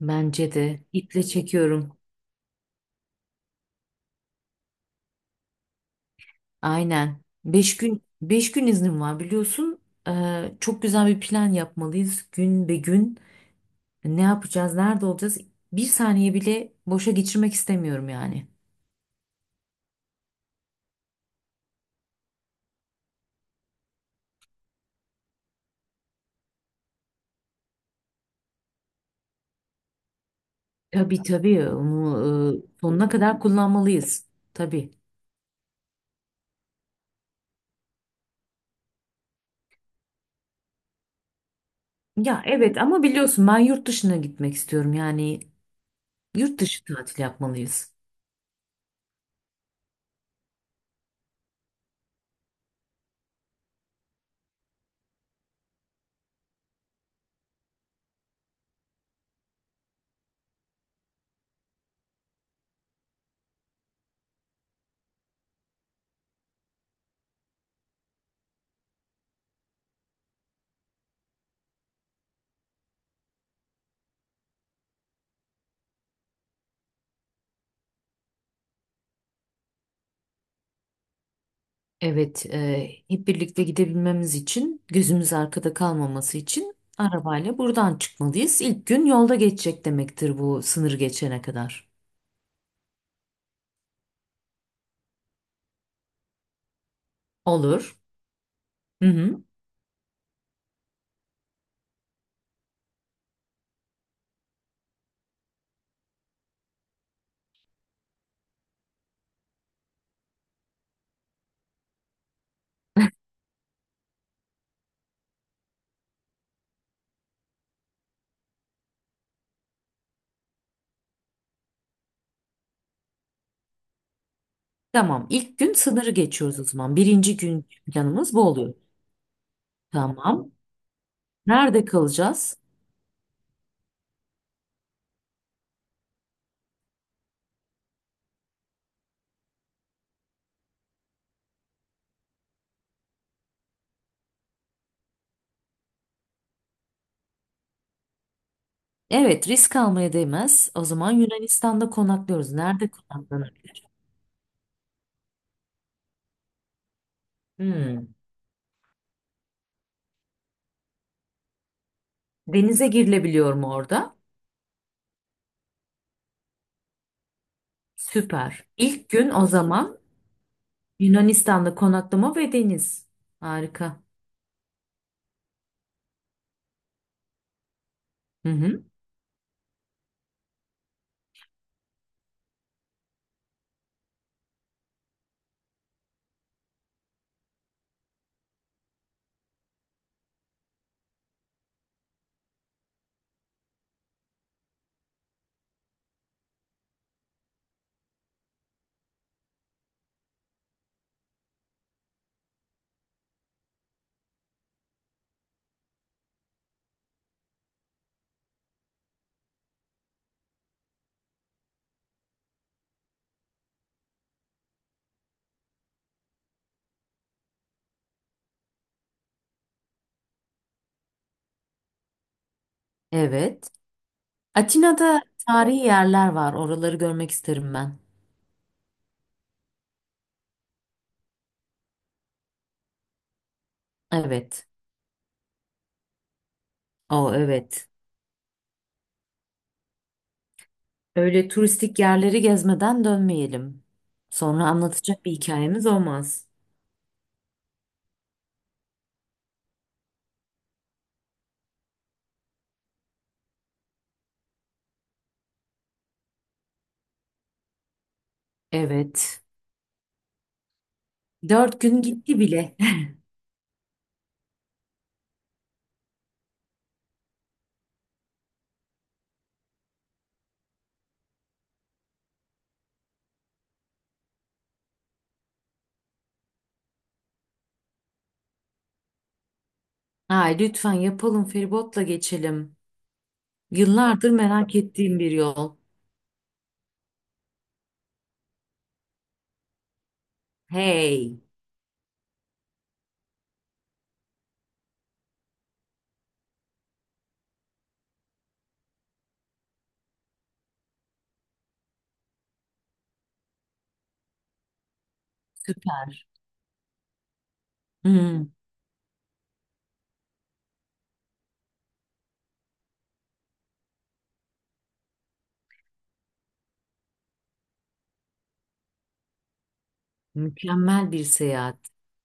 Bence de iple çekiyorum. Aynen. Beş gün iznim var biliyorsun. Çok güzel bir plan yapmalıyız. Gün be gün ne yapacağız, nerede olacağız? Bir saniye bile boşa geçirmek istemiyorum yani. Tabii onu sonuna kadar kullanmalıyız. Tabii. Ya evet, ama biliyorsun ben yurt dışına gitmek istiyorum. Yani yurt dışı tatil yapmalıyız. Evet, hep birlikte gidebilmemiz için, gözümüz arkada kalmaması için arabayla buradan çıkmalıyız. İlk gün yolda geçecek demektir bu, sınırı geçene kadar. Olur. Hı hı. Tamam, ilk gün sınırı geçiyoruz o zaman. Birinci gün planımız bu oluyor. Tamam. Nerede kalacağız? Evet, risk almaya değmez. O zaman Yunanistan'da konaklıyoruz. Nerede konaklanabiliriz? Hmm. Denize girilebiliyor mu orada? Süper. İlk gün o zaman Yunanistan'da konaklama ve deniz. Harika. Hı hı. Evet. Atina'da tarihi yerler var. Oraları görmek isterim ben. Evet. O evet. Öyle turistik yerleri gezmeden dönmeyelim. Sonra anlatacak bir hikayemiz olmaz. Evet. Dört gün gitti bile. Ay lütfen yapalım, feribotla geçelim. Yıllardır merak ettiğim bir yol. Hey. Süper. Hmm. Mükemmel bir seyahat.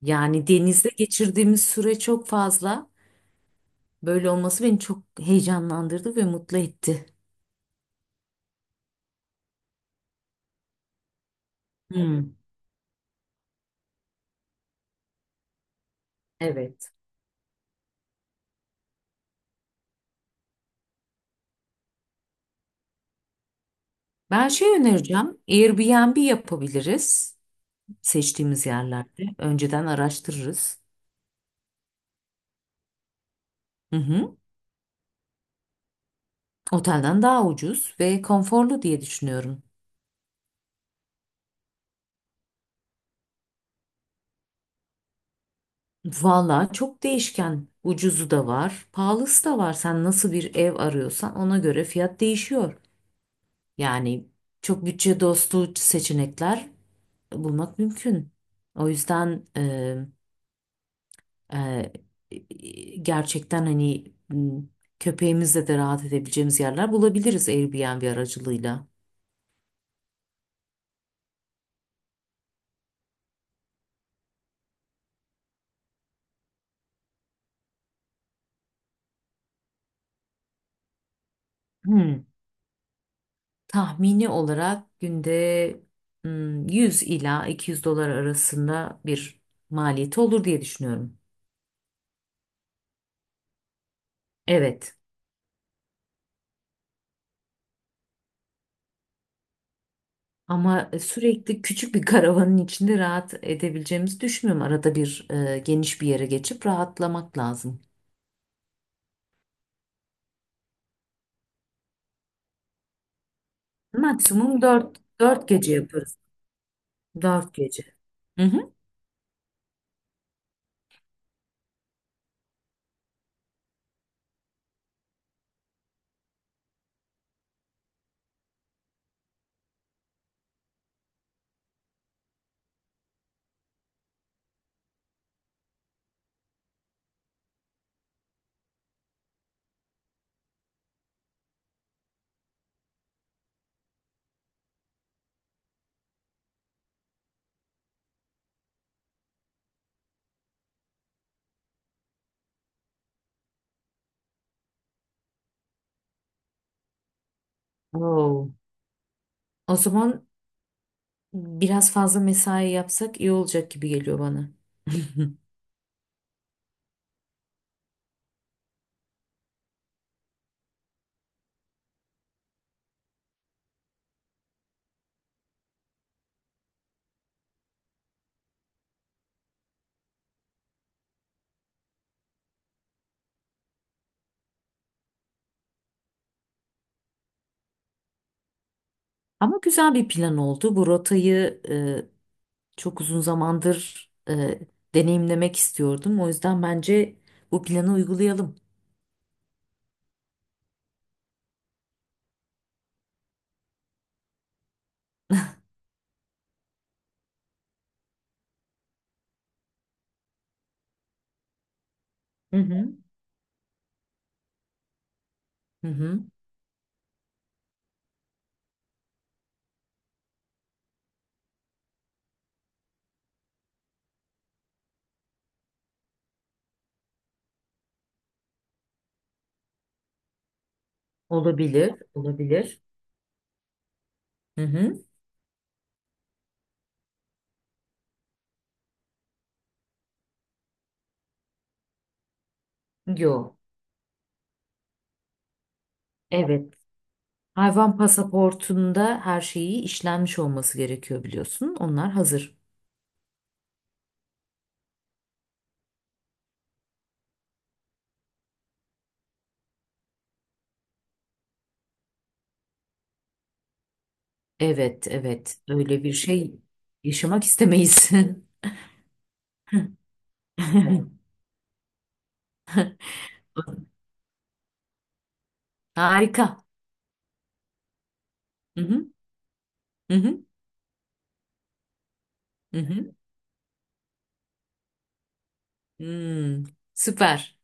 Yani denizde geçirdiğimiz süre çok fazla. Böyle olması beni çok heyecanlandırdı ve mutlu etti. Hmm, evet. Ben şey önereceğim. Airbnb yapabiliriz seçtiğimiz yerlerde. Önceden araştırırız. Hı hı. Otelden daha ucuz ve konforlu diye düşünüyorum. Valla çok değişken. Ucuzu da var, pahalısı da var. Sen nasıl bir ev arıyorsan ona göre fiyat değişiyor. Yani çok bütçe dostu seçenekler bulmak mümkün. O yüzden gerçekten köpeğimizle de rahat edebileceğimiz yerler bulabiliriz Airbnb aracılığıyla. Hmm, tahmini olarak günde, hmm, 100 ila 200 dolar arasında bir maliyeti olur diye düşünüyorum. Evet. Ama sürekli küçük bir karavanın içinde rahat edebileceğimizi düşünmüyorum. Arada bir geniş bir yere geçip rahatlamak lazım. Maksimum dört gece yaparız. Dört gece. Hı hı. Oo. O zaman biraz fazla mesai yapsak iyi olacak gibi geliyor bana. Ama güzel bir plan oldu. Bu rotayı çok uzun zamandır deneyimlemek istiyordum. O yüzden bence bu planı uygulayalım. Hı hı. Hı hı. Olabilir, olabilir. Hı hı. Yo. Evet. Hayvan pasaportunda her şeyi işlenmiş olması gerekiyor biliyorsun. Onlar hazır. Evet, evet. Öyle bir şey yaşamak istemeyiz. Harika. Hı hı. Hı hı. Hı hı. Hmm, süper.